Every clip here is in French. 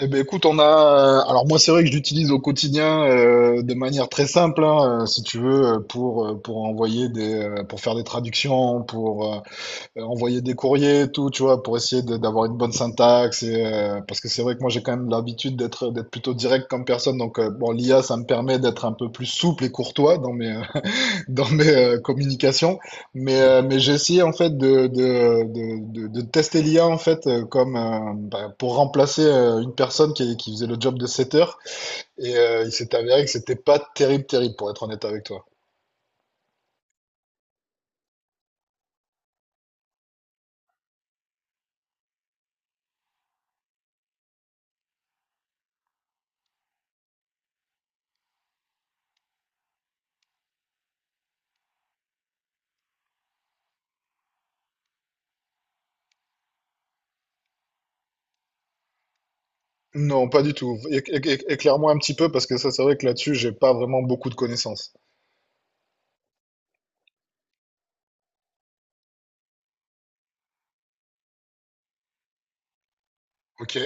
Écoute, on a. Alors moi, c'est vrai que je l'utilise au quotidien de manière très simple, hein, si tu veux, pour envoyer pour faire des traductions, pour envoyer des courriers, et tout, tu vois, pour essayer d'avoir une bonne syntaxe. Et, parce que c'est vrai que moi, j'ai quand même l'habitude d'être plutôt direct comme personne. Donc bon, l'IA, ça me permet d'être un peu plus souple et courtois dans mes communications, mais j'ai essayé en fait de tester l'IA en fait pour remplacer une personne qui faisait le job de 7 heures et il s'est avéré que c'était pas terrible, terrible pour être honnête avec toi. Non, pas du tout. Éclaire-moi un petit peu parce que ça c'est vrai que là-dessus j'ai pas vraiment beaucoup de connaissances. Ok.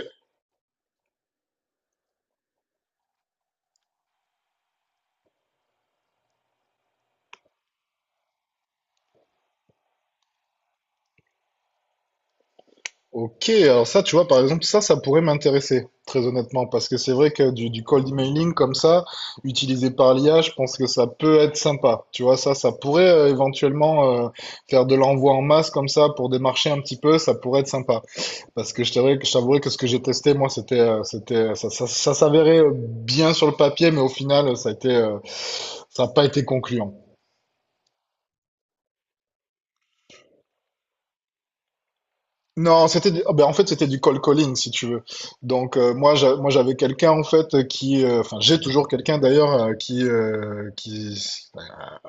Ok, alors ça, tu vois, par exemple, ça pourrait m'intéresser, très honnêtement, parce que c'est vrai que du cold emailing comme ça, utilisé par l'IA, je pense que ça peut être sympa. Tu vois, ça pourrait éventuellement faire de l'envoi en masse comme ça pour démarcher un petit peu, ça pourrait être sympa. Parce que je t'avouerais que ce que j'ai testé, moi, ça s'avérait bien sur le papier, mais au final, ça n'a pas été concluant. Non, c'était du- ah, ben, en fait c'était du cold calling si tu veux. Donc moi j'avais quelqu'un en fait qui enfin j'ai toujours quelqu'un d'ailleurs euh,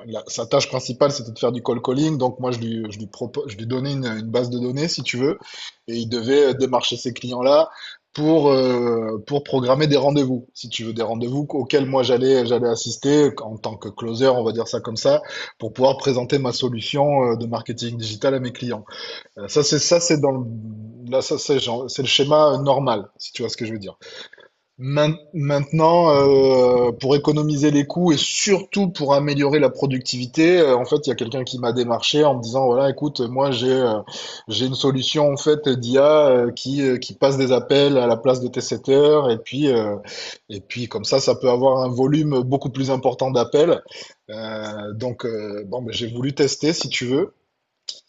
sa tâche principale c'était de faire du cold calling. Donc moi je lui donnais une base de données si tu veux et il devait démarcher ces clients-là pour programmer des rendez-vous si tu veux des rendez-vous auxquels moi j'allais assister en tant que closer, on va dire ça comme ça, pour pouvoir présenter ma solution de marketing digital à mes clients. Ça, c'est dans le... Là, ça, c'est le schéma normal, si tu vois ce que je veux dire. Maintenant, pour économiser les coûts et surtout pour améliorer la productivité, en fait, il y a quelqu'un qui m'a démarché en me disant, voilà, écoute, moi, j'ai une solution en fait d'IA qui passe des appels à la place de tes setters et puis comme ça peut avoir un volume beaucoup plus important d'appels. Bon, ben, j'ai voulu tester, si tu veux.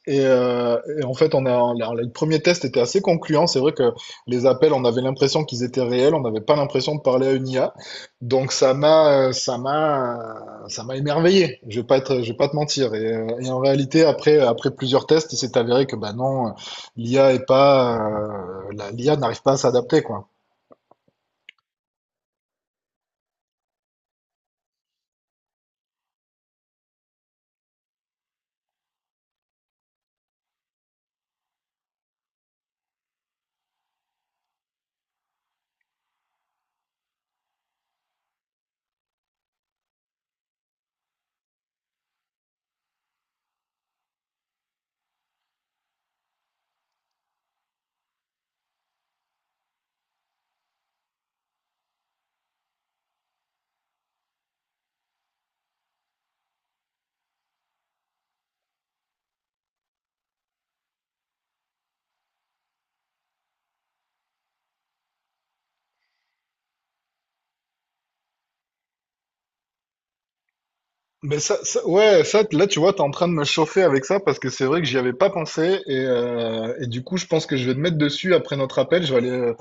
Et en fait, le premier test était assez concluant. C'est vrai que les appels, on avait l'impression qu'ils étaient réels, on n'avait pas l'impression de parler à une IA. Donc ça m'a émerveillé. Je vais pas être, je vais pas te mentir. Et en réalité, après, après plusieurs tests, il s'est avéré que bah non, l'IA est pas, euh, la- l'IA n'arrive pas à s'adapter, quoi. Ouais, ça, là, tu vois, t'es en train de me chauffer avec ça parce que c'est vrai que j'y avais pas pensé et du coup, je pense que je vais te mettre dessus après notre appel.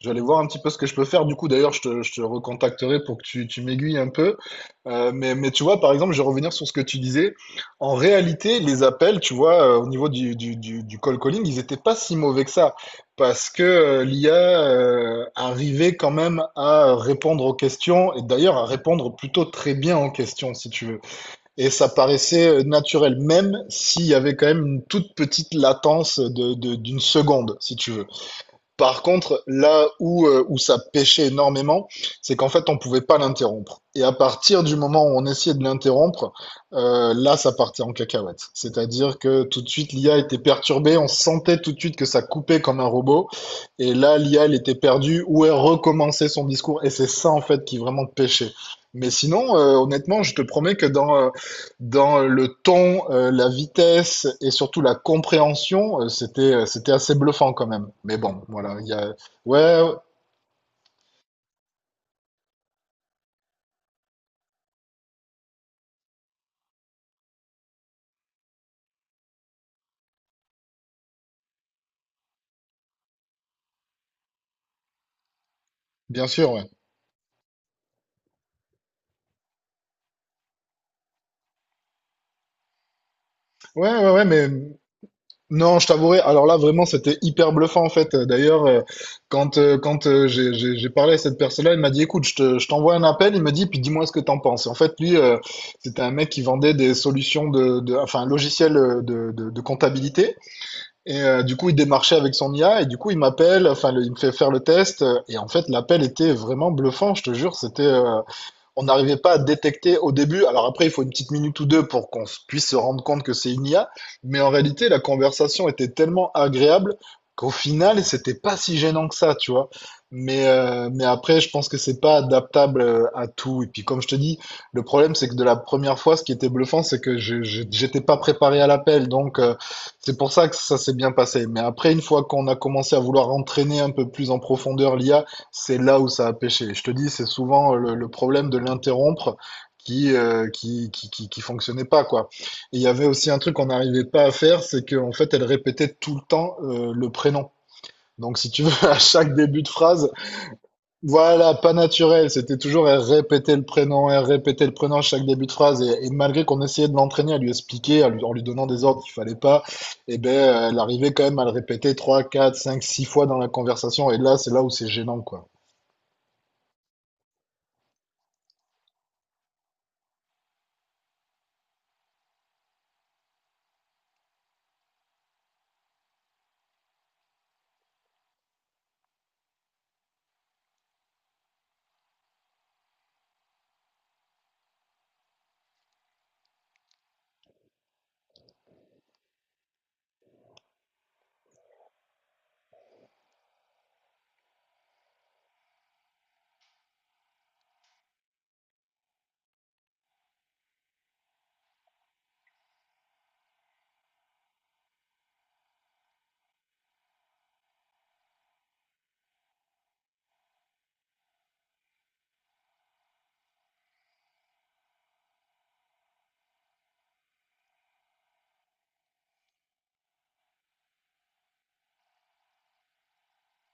Je vais aller voir un petit peu ce que je peux faire. Du coup, d'ailleurs, je te recontacterai pour que tu m'aiguilles un peu. Mais tu vois, par exemple, je vais revenir sur ce que tu disais. En réalité, les appels, tu vois, au niveau du call calling, ils étaient pas si mauvais que ça parce que l'IA arrivait quand même à répondre aux questions et d'ailleurs à répondre plutôt très bien aux questions, si tu veux. Et ça paraissait naturel, même s'il y avait quand même une toute petite latence d'une seconde, si tu veux. Par contre, où ça pêchait énormément, c'est qu'en fait, on pouvait pas l'interrompre. Et à partir du moment où on essayait de l'interrompre, là, ça partait en cacahuète. C'est-à-dire que tout de suite, l'IA était perturbée, on sentait tout de suite que ça coupait comme un robot. Et là, l'IA, elle était perdue, ou elle recommençait son discours. Et c'est ça, en fait, qui vraiment pêchait. Mais sinon, honnêtement, je te promets que dans le ton, la vitesse et surtout la compréhension, c'était assez bluffant quand même. Mais bon, voilà, il y a ouais, ouais, bien sûr, ouais. Ouais, ouais, ouais, mais non, je t'avouerai, alors là, vraiment, c'était hyper bluffant, en fait. D'ailleurs, quand, j'ai parlé à cette personne-là, il m'a dit: «Écoute, je t'envoie un appel», il me dit: «Puis dis-moi ce que t'en penses». En fait, lui, c'était un mec qui vendait des solutions de enfin, un logiciel, de comptabilité. Et du coup, il démarchait avec son IA et du coup, il m'appelle, il me fait faire le test. Et en fait, l'appel était vraiment bluffant, je te jure. On n'arrivait pas à détecter au début. Alors après, il faut une petite minute ou deux pour qu'on puisse se rendre compte que c'est une IA. Mais en réalité, la conversation était tellement agréable qu'au final, c'était pas si gênant que ça, tu vois. Mais après, je pense que c'est pas adaptable à tout. Et puis, comme je te dis, le problème, c'est que de la première fois, ce qui était bluffant, c'est que j'étais pas préparé à l'appel. Donc, c'est pour ça que ça s'est bien passé. Mais après, une fois qu'on a commencé à vouloir entraîner un peu plus en profondeur l'IA, c'est là où ça a pêché. Je te dis, c'est souvent le problème de l'interrompre qui fonctionnait pas, quoi. Et il y avait aussi un truc qu'on n'arrivait pas à faire, c'est qu'en fait, elle répétait tout le temps le prénom. Donc, si tu veux, à chaque début de phrase, voilà, pas naturel, c'était toujours elle répétait le prénom, elle répétait le prénom à chaque début de phrase. Et malgré qu'on essayait de l'entraîner à lui expliquer, en lui donnant des ordres qu'il fallait pas, elle arrivait quand même à le répéter 3, 4, 5, 6 fois dans la conversation. Et là, c'est là où c'est gênant, quoi.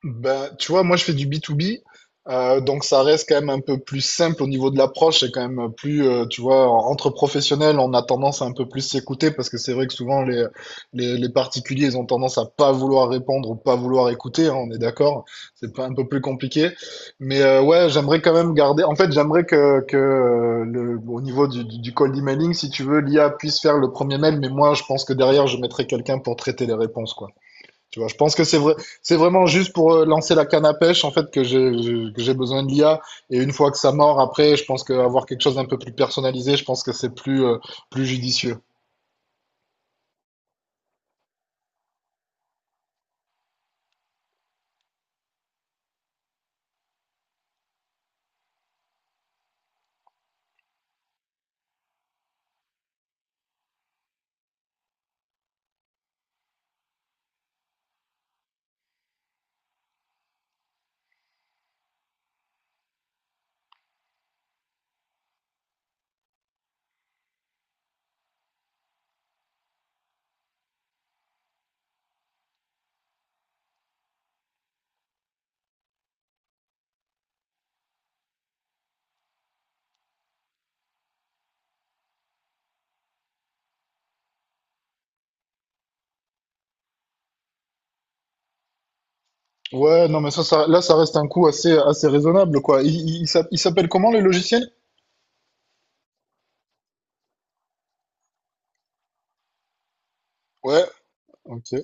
Bah, tu vois, moi je fais du B2B, donc ça reste quand même un peu plus simple au niveau de l'approche, c'est quand même plus, tu vois, entre professionnels, on a tendance à un peu plus s'écouter parce que c'est vrai que souvent les particuliers, ils ont tendance à pas vouloir répondre ou pas vouloir écouter, hein, on est d'accord, c'est pas un peu plus compliqué. Mais ouais, j'aimerais quand même garder, en fait, j'aimerais au niveau du cold emailing, si tu veux, l'IA puisse faire le premier mail, mais moi je pense que derrière, je mettrai quelqu'un pour traiter les réponses, quoi. Tu vois, je pense que c'est vrai, c'est vraiment juste pour lancer la canne à pêche, en fait, que que j'ai besoin de l'IA. Et une fois que ça mord, après, je pense qu'avoir quelque chose d'un peu plus personnalisé, je pense que c'est plus, plus judicieux. Ouais, non, là, ça reste un coût assez, assez raisonnable, quoi. Il s'appelle comment, le logiciel? Ouais, ok.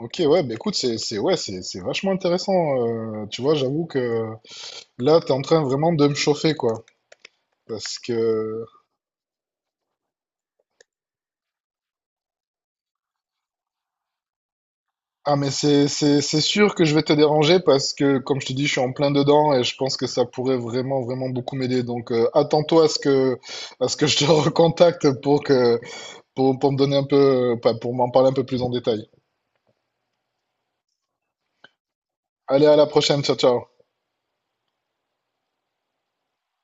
Ok, ouais, bah écoute, c'est vachement intéressant. Tu vois, j'avoue que là, t'es en train vraiment de me chauffer, quoi. Parce que, ah mais c'est sûr que je vais te déranger parce que comme je te dis je suis en plein dedans et je pense que ça pourrait vraiment beaucoup m'aider donc attends-toi à ce que je te recontacte pour que pour me donner un peu enfin, pour m'en parler un peu plus en détail. Allez à la prochaine, ciao ciao.